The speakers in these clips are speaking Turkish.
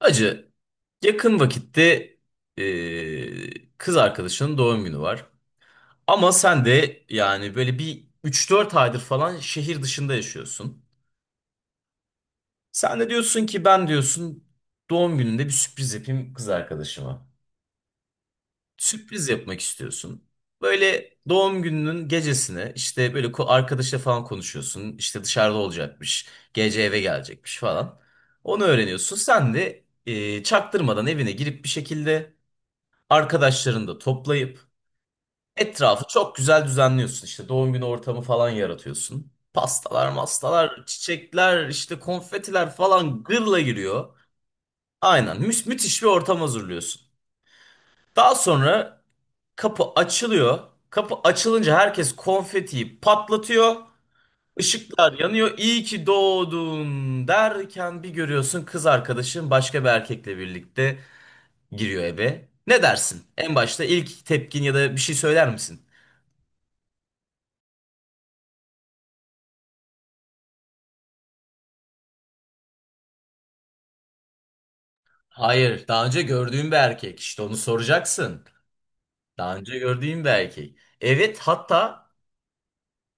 Acı, yakın vakitte kız arkadaşının doğum günü var. Ama sen de yani böyle bir üç dört aydır falan şehir dışında yaşıyorsun. Sen de diyorsun ki ben diyorsun doğum gününde bir sürpriz yapayım kız arkadaşıma. Sürpriz yapmak istiyorsun. Böyle doğum gününün gecesine işte böyle arkadaşla falan konuşuyorsun. İşte dışarıda olacakmış, gece eve gelecekmiş falan. Onu öğreniyorsun. Sen de çaktırmadan evine girip bir şekilde... Arkadaşlarını da toplayıp etrafı çok güzel düzenliyorsun. İşte doğum günü ortamı falan yaratıyorsun. Pastalar, mastalar, çiçekler, işte konfetiler falan gırla giriyor. Aynen müthiş bir ortam hazırlıyorsun. Daha sonra kapı açılıyor. Kapı açılınca herkes konfetiyi patlatıyor. Işıklar yanıyor. İyi ki doğdun derken bir görüyorsun kız arkadaşın başka bir erkekle birlikte giriyor eve. Ne dersin? En başta ilk tepkin ya da bir şey söyler misin? Hayır, daha önce gördüğüm bir erkek. İşte onu soracaksın. Daha önce gördüğüm bir erkek. Evet, hatta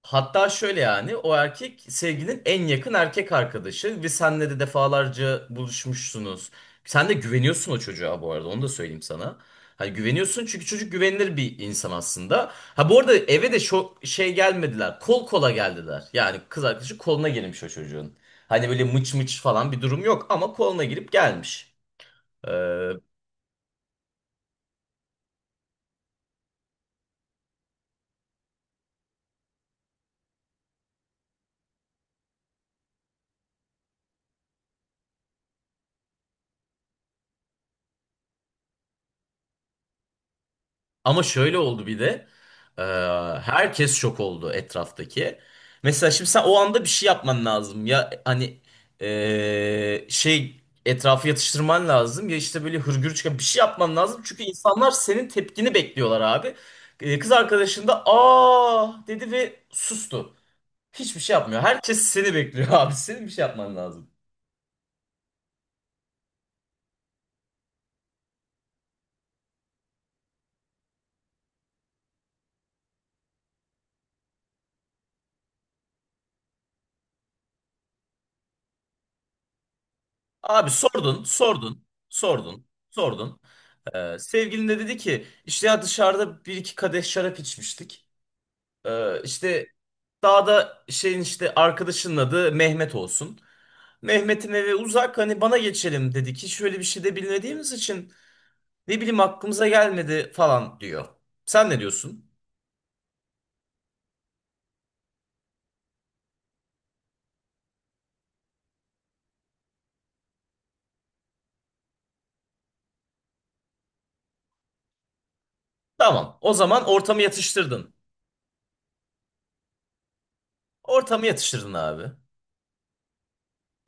hatta şöyle yani o erkek sevgilinin en yakın erkek arkadaşı ve senle de defalarca buluşmuşsunuz. Sen de güveniyorsun o çocuğa bu arada onu da söyleyeyim sana. Hani güveniyorsun çünkü çocuk güvenilir bir insan aslında. Ha bu arada eve de şu şey gelmediler. Kol kola geldiler. Yani kız arkadaşı koluna girmiş o çocuğun. Hani böyle mıç mıç falan bir durum yok ama koluna girip gelmiş. Ee, Ama şöyle oldu bir de. Ee, herkes şok oldu etraftaki. Mesela şimdi sen o anda bir şey yapman lazım. Ya hani şey etrafı yatıştırman lazım. Ya işte böyle hırgür çıkan bir şey yapman lazım. Çünkü insanlar senin tepkini bekliyorlar abi. Kız arkadaşın da aa dedi ve sustu. Hiçbir şey yapmıyor. Herkes seni bekliyor abi. Senin bir şey yapman lazım. Abi sordun, sordun, sordun, sordun. Sevgilin de dedi ki işte ya dışarıda bir iki kadeh şarap içmiştik. İşte daha da şeyin işte arkadaşının adı Mehmet olsun. Mehmet'in evi uzak hani bana geçelim dedi ki şöyle bir şey de bilmediğimiz için ne bileyim aklımıza gelmedi falan diyor. Sen ne diyorsun? Tamam o zaman ortamı yatıştırdın. Ortamı yatıştırdın abi.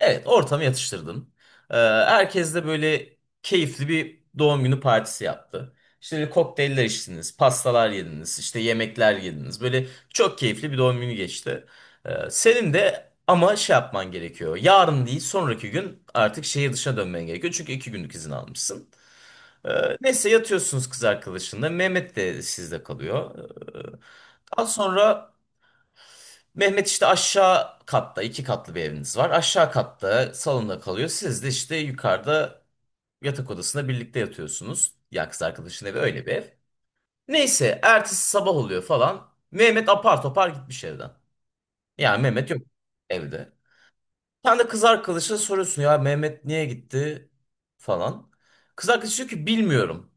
Evet, ortamı yatıştırdın. Herkes de böyle keyifli bir doğum günü partisi yaptı. İşte böyle kokteyller içtiniz, pastalar yediniz, işte yemekler yediniz. Böyle çok keyifli bir doğum günü geçti. Senin de ama şey yapman gerekiyor. Yarın değil, sonraki gün artık şehir dışına dönmen gerekiyor. Çünkü iki günlük izin almışsın. Ee, neyse yatıyorsunuz kız arkadaşınla. Mehmet de sizde kalıyor. Daha sonra Mehmet işte aşağı katta iki katlı bir eviniz var. Aşağı katta salonda kalıyor. Siz de işte yukarıda yatak odasında birlikte yatıyorsunuz. Ya kız arkadaşın evi öyle bir ev. Neyse ertesi sabah oluyor falan. Mehmet apar topar gitmiş evden. Yani Mehmet yok evde. Sen de kız arkadaşına soruyorsun ya Mehmet niye gitti falan. Kız arkadaş diyor ki bilmiyorum.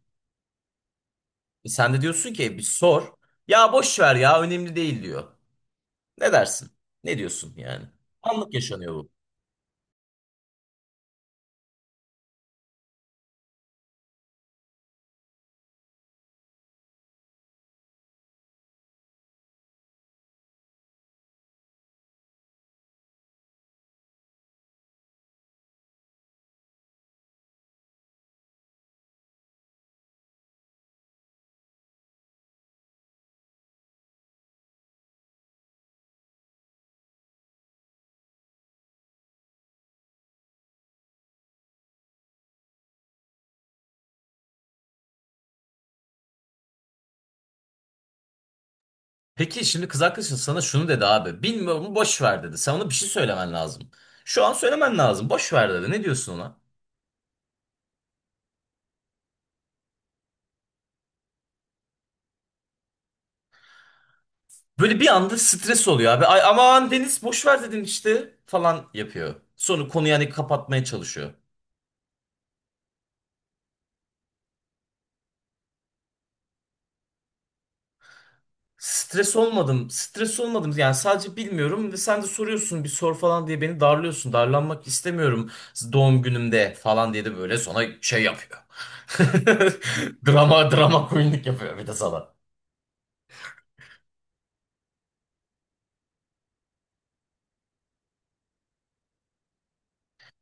E sen de diyorsun ki "E bir sor. Ya boş ver ya önemli değil diyor. Ne dersin? Ne diyorsun yani? Anlık yaşanıyor bu. Peki şimdi kız arkadaşın sana şunu dedi abi. Bilmiyorum boş ver dedi. Sen ona bir şey söylemen lazım. Şu an söylemen lazım. Boş ver dedi. Ne diyorsun ona? Böyle bir anda stres oluyor abi. Ay aman Deniz boş ver dedin işte falan yapıyor. Sonra konuyu yani kapatmaya çalışıyor. Stres olmadım. Stres olmadım. Yani sadece bilmiyorum ve sen de soruyorsun bir sor falan diye beni darlıyorsun. Darlanmak istemiyorum doğum günümde falan diye de böyle sonra şey yapıyor. Drama queenlik yapıyor bir de sana.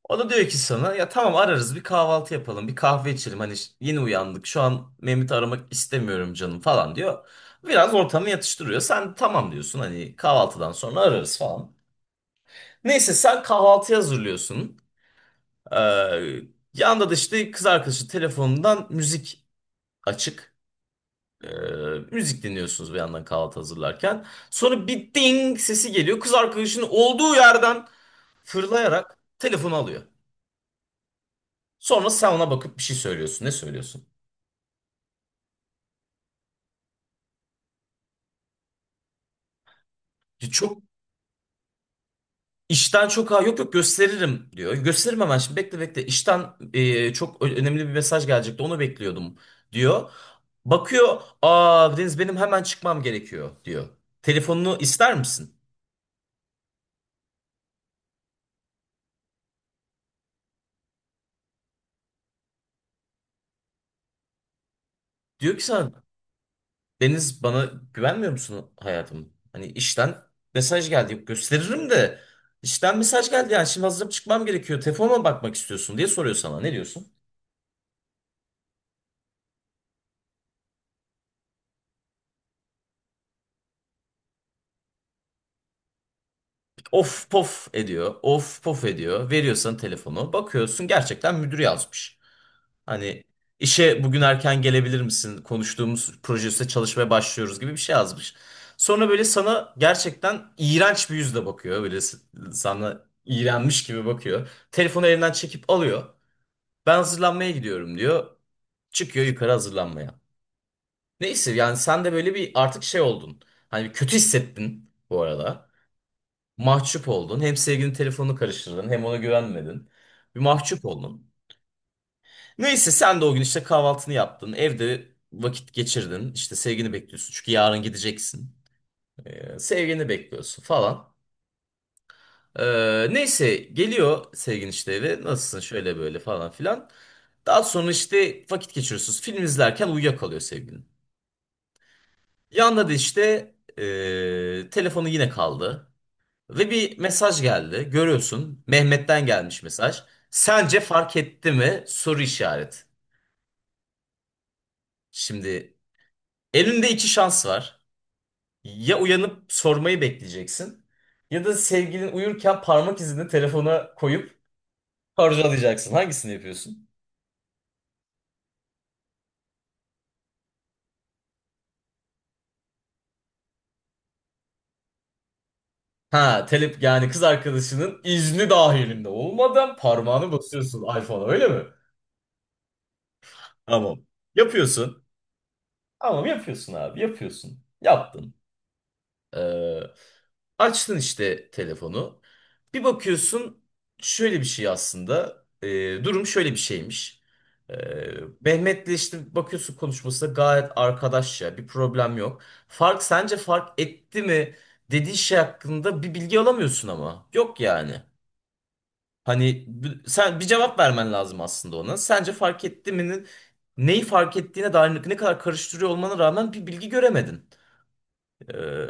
O da diyor ki sana ya tamam ararız bir kahvaltı yapalım bir kahve içelim hani yeni uyandık şu an Mehmet'i aramak istemiyorum canım falan diyor. Biraz ortamı yatıştırıyor sen tamam diyorsun hani kahvaltıdan sonra ararız falan. Neyse sen kahvaltı hazırlıyorsun. Ee, yanda da işte kız arkadaşı telefonundan müzik açık. Ee, müzik dinliyorsunuz bir yandan kahvaltı hazırlarken. Sonra bir ding sesi geliyor kız arkadaşının olduğu yerden fırlayarak telefonu alıyor. Sonra sen ona bakıp bir şey söylüyorsun. Ne söylüyorsun? Ya çok işten çok ha yok yok gösteririm diyor. Gösteririm hemen şimdi bekle bekle. İşten çok önemli bir mesaj gelecekti onu bekliyordum diyor. Bakıyor aa Deniz benim hemen çıkmam gerekiyor diyor. Telefonunu ister misin? Diyor ki sana Deniz bana güvenmiyor musun hayatım? Hani işten mesaj geldi gösteririm de işten mesaj geldi yani şimdi hazırım çıkmam gerekiyor. Telefonuma bakmak istiyorsun diye soruyor sana ne diyorsun? Of pof ediyor. Of pof ediyor. Veriyorsan telefonu. Bakıyorsun gerçekten müdür yazmış. Hani işe bugün erken gelebilir misin? Konuştuğumuz proje üstüne çalışmaya başlıyoruz gibi bir şey yazmış. Sonra böyle sana gerçekten iğrenç bir yüzle bakıyor. Böyle sana iğrenmiş gibi bakıyor. Telefonu elinden çekip alıyor. Ben hazırlanmaya gidiyorum diyor. Çıkıyor yukarı hazırlanmaya. Neyse yani sen de böyle bir artık şey oldun. Hani kötü hissettin bu arada. Mahcup oldun. Hem sevgilinin telefonunu karıştırdın hem ona güvenmedin. Bir mahcup oldun. Neyse sen de o gün işte kahvaltını yaptın. Evde vakit geçirdin. İşte sevgini bekliyorsun. Çünkü yarın gideceksin. Sevgini bekliyorsun falan. Neyse geliyor sevgin işte eve. Nasılsın şöyle böyle falan filan. Daha sonra işte vakit geçiriyorsunuz. Film izlerken uyuyakalıyor sevgilin. Yanında da işte telefonu yine kaldı. Ve bir mesaj geldi. Görüyorsun. Mehmet'ten gelmiş mesaj. Sence fark etti mi? Soru işareti. Şimdi elinde iki şans var. Ya uyanıp sormayı bekleyeceksin. Ya da sevgilin uyurken parmak izini telefona koyup harcalayacaksın. Hangisini yapıyorsun? Ha, yani kız arkadaşının izni dahilinde olmadan parmağını basıyorsun iPhone'a öyle mi? Tamam. Yapıyorsun. Tamam yapıyorsun abi yapıyorsun. Yaptın. Ee, açtın işte telefonu. Bir bakıyorsun şöyle bir şey aslında. Durum şöyle bir şeymiş. Ee, Mehmet'le işte bakıyorsun konuşması gayet arkadaşça bir problem yok. Sence fark etti mi dediği şey hakkında bir bilgi alamıyorsun ama. Yok yani. Hani sen bir cevap vermen lazım aslında ona. Sence fark etti mi? Neyi fark ettiğine dair ne kadar karıştırıyor olmana rağmen bir bilgi göremedin. Ee,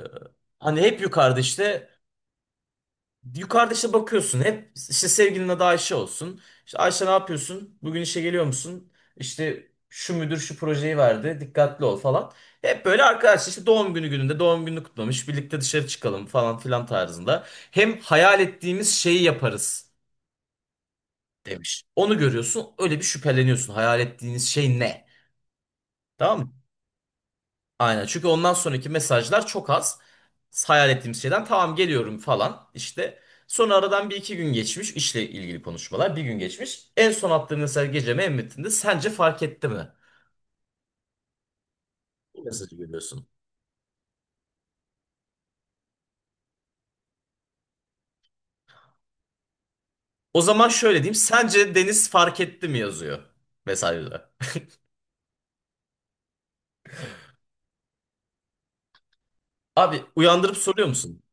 Hani hep yukarıda işte yukarıda işte bakıyorsun hep işte sevgilinin adı Ayşe olsun. İşte Ayşe ne yapıyorsun? Bugün işe geliyor musun? İşte şu müdür şu projeyi verdi. Dikkatli ol falan. Hep böyle arkadaş işte doğum günü gününde doğum gününü kutlamış. Birlikte dışarı çıkalım falan filan tarzında. Hem hayal ettiğimiz şeyi yaparız demiş. Onu görüyorsun öyle bir şüpheleniyorsun. Hayal ettiğiniz şey ne? Tamam mı? Aynen. Çünkü ondan sonraki mesajlar çok az. Hayal ettiğim şeyden tamam geliyorum falan işte. Sonra aradan bir iki gün geçmiş işle ilgili konuşmalar bir gün geçmiş. En son attığım mesaj geceme en metninde sence fark etti mi? Bu mesajı görüyorsun. O zaman şöyle diyeyim sence Deniz fark etti mi yazıyor mesajda. Abi uyandırıp soruyor musun?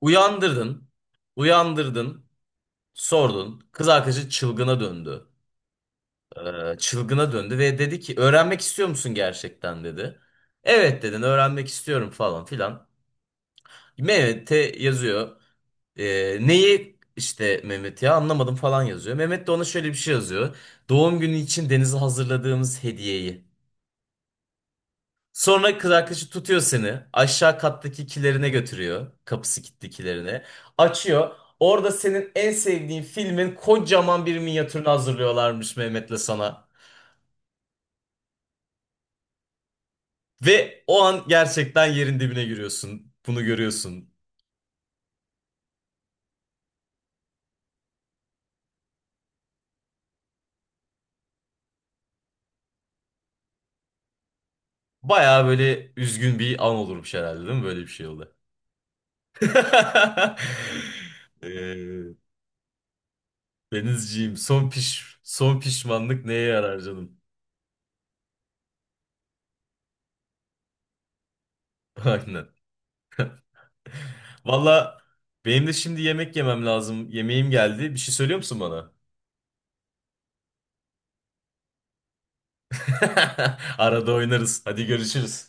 Uyandırdın, uyandırdın, sordun. Kız arkadaşı çılgına döndü. Çılgına döndü ve dedi ki öğrenmek istiyor musun gerçekten dedi. Evet dedin öğrenmek istiyorum falan filan. Mehmet'e yazıyor. Neyi işte Mehmet ya anlamadım falan yazıyor. Mehmet de ona şöyle bir şey yazıyor. Doğum günü için Deniz'e hazırladığımız hediyeyi. Sonra kız arkadaşı tutuyor seni. Aşağı kattaki kilerine götürüyor. Kapısı kilitli kilerine. Açıyor. Orada senin en sevdiğin filmin kocaman bir minyatürünü hazırlıyorlarmış Mehmet'le sana. Ve o an gerçekten yerin dibine giriyorsun. Bunu görüyorsun. Baya böyle üzgün bir an olurmuş herhalde değil mi? Böyle bir şey oldu. Eee Denizciğim son pişmanlık neye yarar canım? Aynen. Valla benim de şimdi yemek yemem lazım. Yemeğim geldi. Bir şey söylüyor musun bana? Arada oynarız. Hadi görüşürüz.